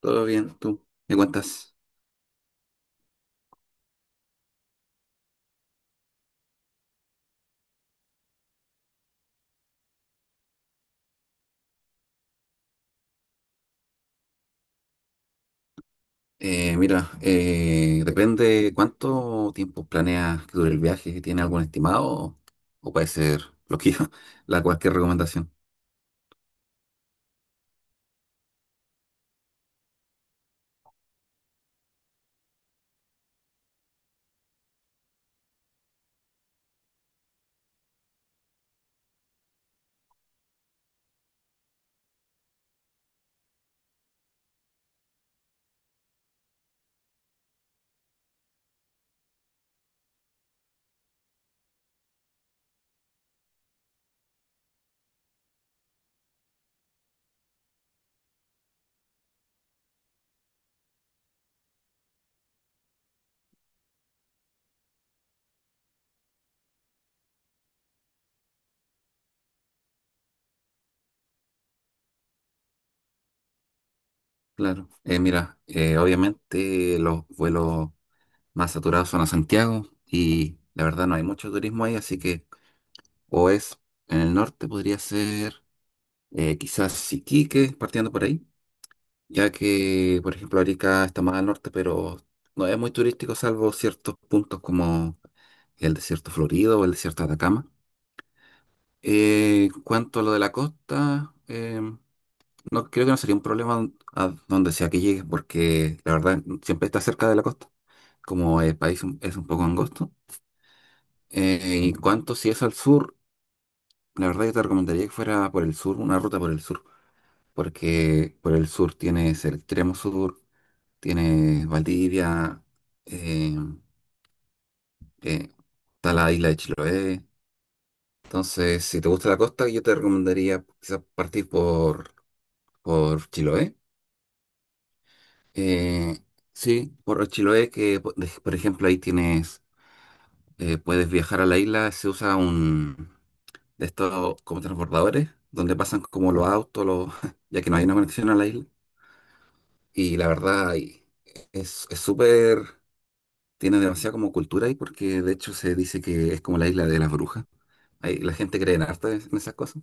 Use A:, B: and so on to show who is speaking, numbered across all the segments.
A: Todo bien, tú. ¿Me cuentas? Depende cuánto tiempo planeas que dure el viaje. ¿Tiene algún estimado? O puede ser lo que la cualquier recomendación. Claro. Obviamente los vuelos más saturados son a Santiago y la verdad no hay mucho turismo ahí, así que o es en el norte, podría ser quizás Iquique, partiendo por ahí ya que, por ejemplo, Arica está más al norte, pero no es muy turístico, salvo ciertos puntos como el desierto Florido o el desierto de Atacama. En cuanto a lo de la costa, no creo que no sería un problema a donde sea que llegues, porque la verdad siempre está cerca de la costa, como el país es un poco angosto. En cuanto si es al sur, la verdad yo te recomendaría que fuera por el sur, una ruta por el sur, porque por el sur tienes el extremo sur tiene Valdivia, eh, eh, está la isla de Chiloé. Entonces, si te gusta la costa, yo te recomendaría quizás partir por Chiloé. Eh, sí, por Chiloé, que por ejemplo ahí tienes, puedes viajar a la isla, se usa un de estos como transbordadores, donde pasan como los autos, los, ya que no hay una conexión a la isla. Y la verdad, ahí es súper. Tiene demasiada como cultura ahí porque de hecho se dice que es como la isla de las brujas. Ahí la gente cree en harta en esas cosas.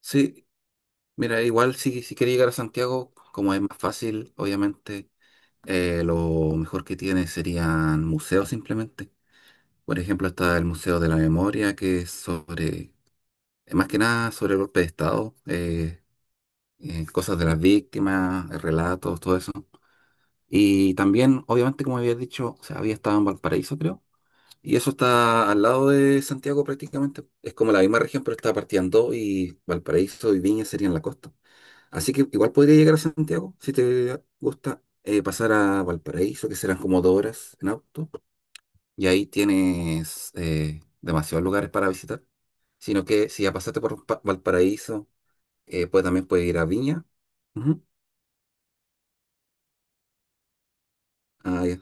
A: Sí, mira, igual si quieres llegar a Santiago, como es más fácil, obviamente, lo mejor que tiene serían museos simplemente. Por ejemplo, está el Museo de la Memoria, que es sobre, más que nada sobre el golpe de Estado, cosas de las víctimas, relatos, todo eso. Y también, obviamente, como había dicho, o sea, había estado en Valparaíso, creo. Y eso está al lado de Santiago prácticamente. Es como la misma región, pero está partida en dos y Valparaíso y Viña serían la costa. Así que igual podría llegar a Santiago si te gusta pasar a Valparaíso, que serán como dos horas en auto. Y ahí tienes demasiados lugares para visitar. Sino que si ya pasaste por Valparaíso, pues también puedes ir a Viña. Ujú. Ah, ya.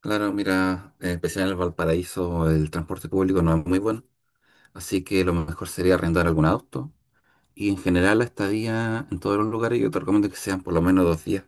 A: Claro, mira, en especial en el Valparaíso el transporte público no es muy bueno. Así que lo mejor sería arrendar algún auto. Y en general la estadía en todos los lugares yo te recomiendo que sean por lo menos dos días.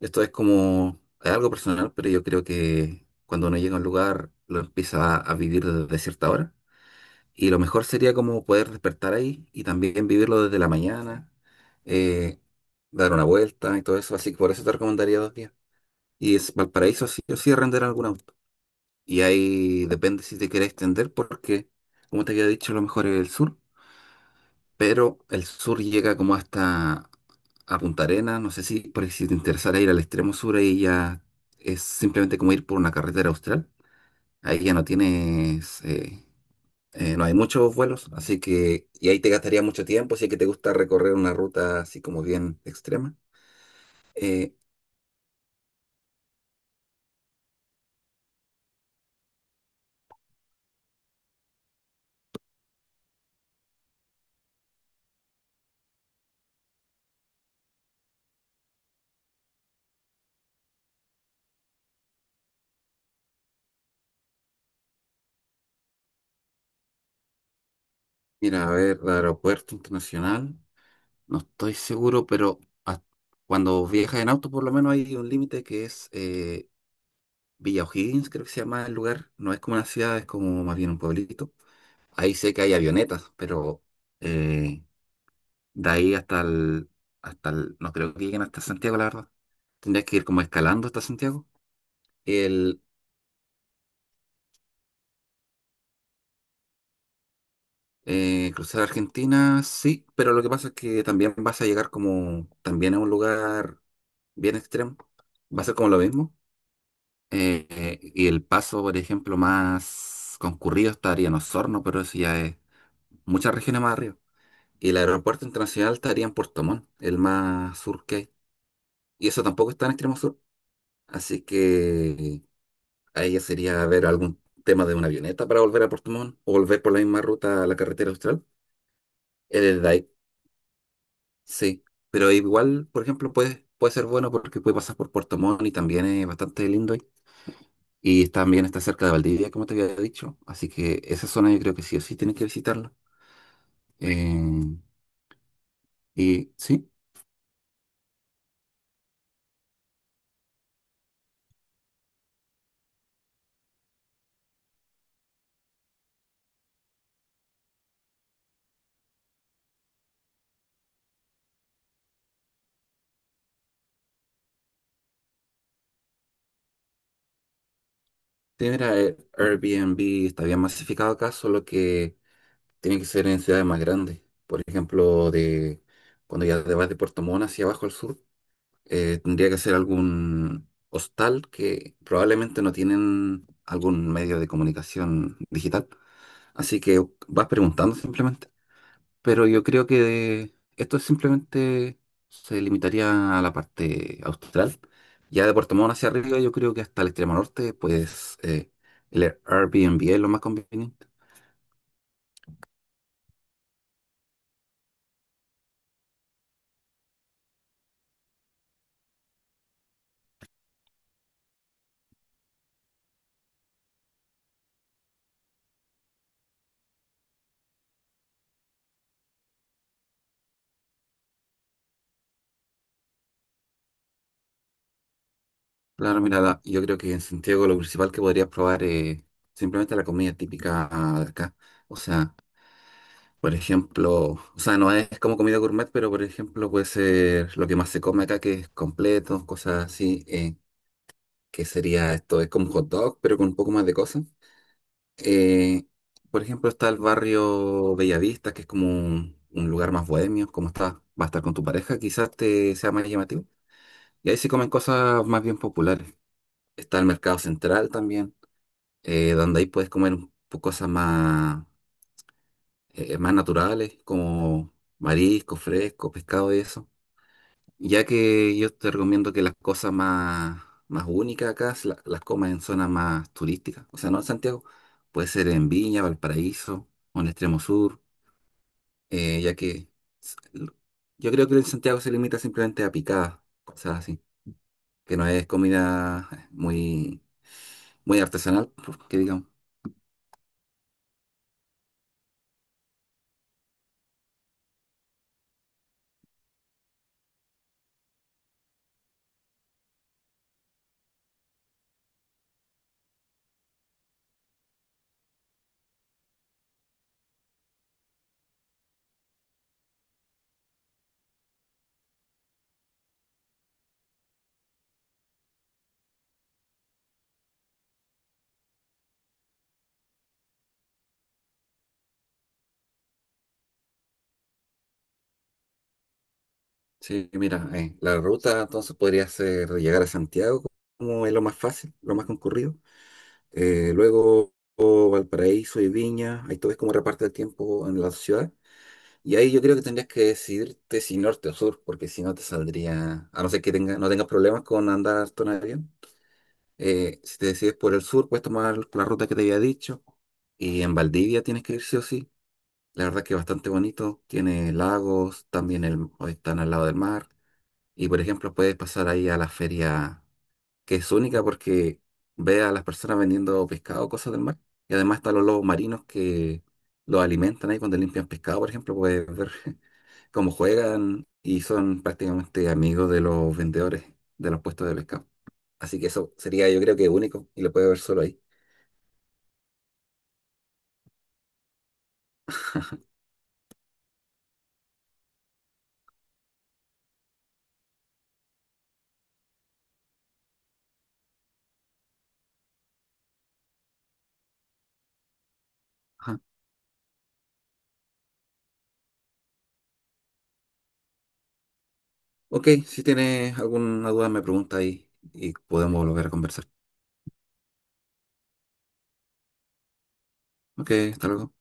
A: Esto es como, es algo personal, pero yo creo que cuando uno llega a un lugar lo empieza a vivir desde cierta hora. Y lo mejor sería como poder despertar ahí y también vivirlo desde la mañana, eh, dar una vuelta y todo eso. Así que por eso te recomendaría dos días. Y es Valparaíso sí o sí arrendar algún auto. Y ahí depende si te quieres extender porque, como te había dicho, lo mejor es el sur. Pero el sur llega como hasta a Punta Arenas, no sé si, por ahí si te interesara ir al extremo sur, ahí ya es simplemente como ir por una carretera austral, ahí ya no tienes, no hay muchos vuelos, así que, y ahí te gastaría mucho tiempo, si es que te gusta recorrer una ruta así como bien extrema. Eh, Mira, a ver, el aeropuerto internacional, no estoy seguro, pero hasta- cuando viajas en auto por lo menos hay un límite que es... Villa O'Higgins, creo que se llama el lugar. No es como una ciudad, es como más bien un pueblito. Ahí sé que hay avionetas, pero eh, de ahí hasta no creo que lleguen hasta Santiago, la verdad. Tendrías que ir como escalando hasta Santiago. El cruzar Argentina, sí, pero lo que pasa es que también vas a llegar como también a un lugar bien extremo. Va a ser como lo mismo. Y el paso, por ejemplo, más concurrido estaría en Osorno, pero eso ya es muchas regiones más arriba. Y el aeropuerto internacional estaría en Puerto Montt, el más sur que hay. Y eso tampoco está en extremo sur. Así que ahí ya sería ver algún tema de una avioneta para volver a Puerto Montt o volver por la misma ruta a la carretera austral. Es desde ahí, sí. Pero igual, por ejemplo, puede ser bueno porque puede pasar por Puerto Montt y también es bastante lindo ahí. Y también está cerca de Valdivia, como te había dicho. Así que esa zona yo creo que sí o sí tienes que visitarla. Eh, y sí. Sí, mira, Airbnb está bien masificado acá, solo que tiene que ser en ciudades más grandes. Por ejemplo, de cuando ya te vas de Puerto Montt hacia abajo al sur, tendría que ser algún hostal que probablemente no tienen algún medio de comunicación digital. Así que vas preguntando simplemente. Pero yo creo que esto simplemente se limitaría a la parte austral. Ya de Puerto Montt hacia arriba, yo creo que hasta el extremo norte, pues el Airbnb es lo más conveniente. Claro, mira, yo creo que en Santiago lo principal que podrías probar es simplemente la comida típica de acá. O sea, por ejemplo, o sea, no es como comida gourmet, pero por ejemplo puede ser lo que más se come acá, que es completo, cosas así, que sería esto, es como un hot dog, pero con un poco más de cosas. Eh, por ejemplo, está el barrio Bellavista, que es como un lugar más bohemio, como está, va a estar con tu pareja, quizás te sea más llamativo. Y ahí se comen cosas más bien populares. Está el mercado central también, donde ahí puedes comer un cosas más, más naturales, como marisco, fresco, pescado y eso. Ya que yo te recomiendo que las cosas más únicas acá las comas en zonas más turísticas. O sea, no en Santiago. Puede ser en Viña, Valparaíso o en Extremo Sur. Ya que s- l- yo creo que en Santiago se limita simplemente a picadas, cosas así. Que no es comida muy artesanal, que digamos. Sí, mira, la ruta entonces podría ser llegar a Santiago como es lo más fácil, lo más concurrido. Luego oh, Valparaíso y Viña, ahí tú ves cómo reparte el tiempo en la ciudad. Y ahí yo creo que tendrías que decidirte si norte o sur, porque si no te saldría, a no ser que tenga, no tengas problemas con andar harto en avión. Si te decides por el sur, puedes tomar la ruta que te había dicho. Y en Valdivia tienes que ir sí o sí. La verdad que es bastante bonito. Tiene lagos, también el, están al lado del mar. Y por ejemplo, puedes pasar ahí a la feria que es única porque ve a las personas vendiendo pescado, cosas del mar, y además están los lobos marinos que los alimentan ahí cuando limpian pescado, por ejemplo, puedes ver cómo juegan y son prácticamente amigos de los vendedores de los puestos de pescado. Así que eso sería yo creo que único y lo puede ver solo ahí. Ajá. Ok, si tienes alguna duda me pregunta ahí y podemos volver a conversar. Ok, hasta luego.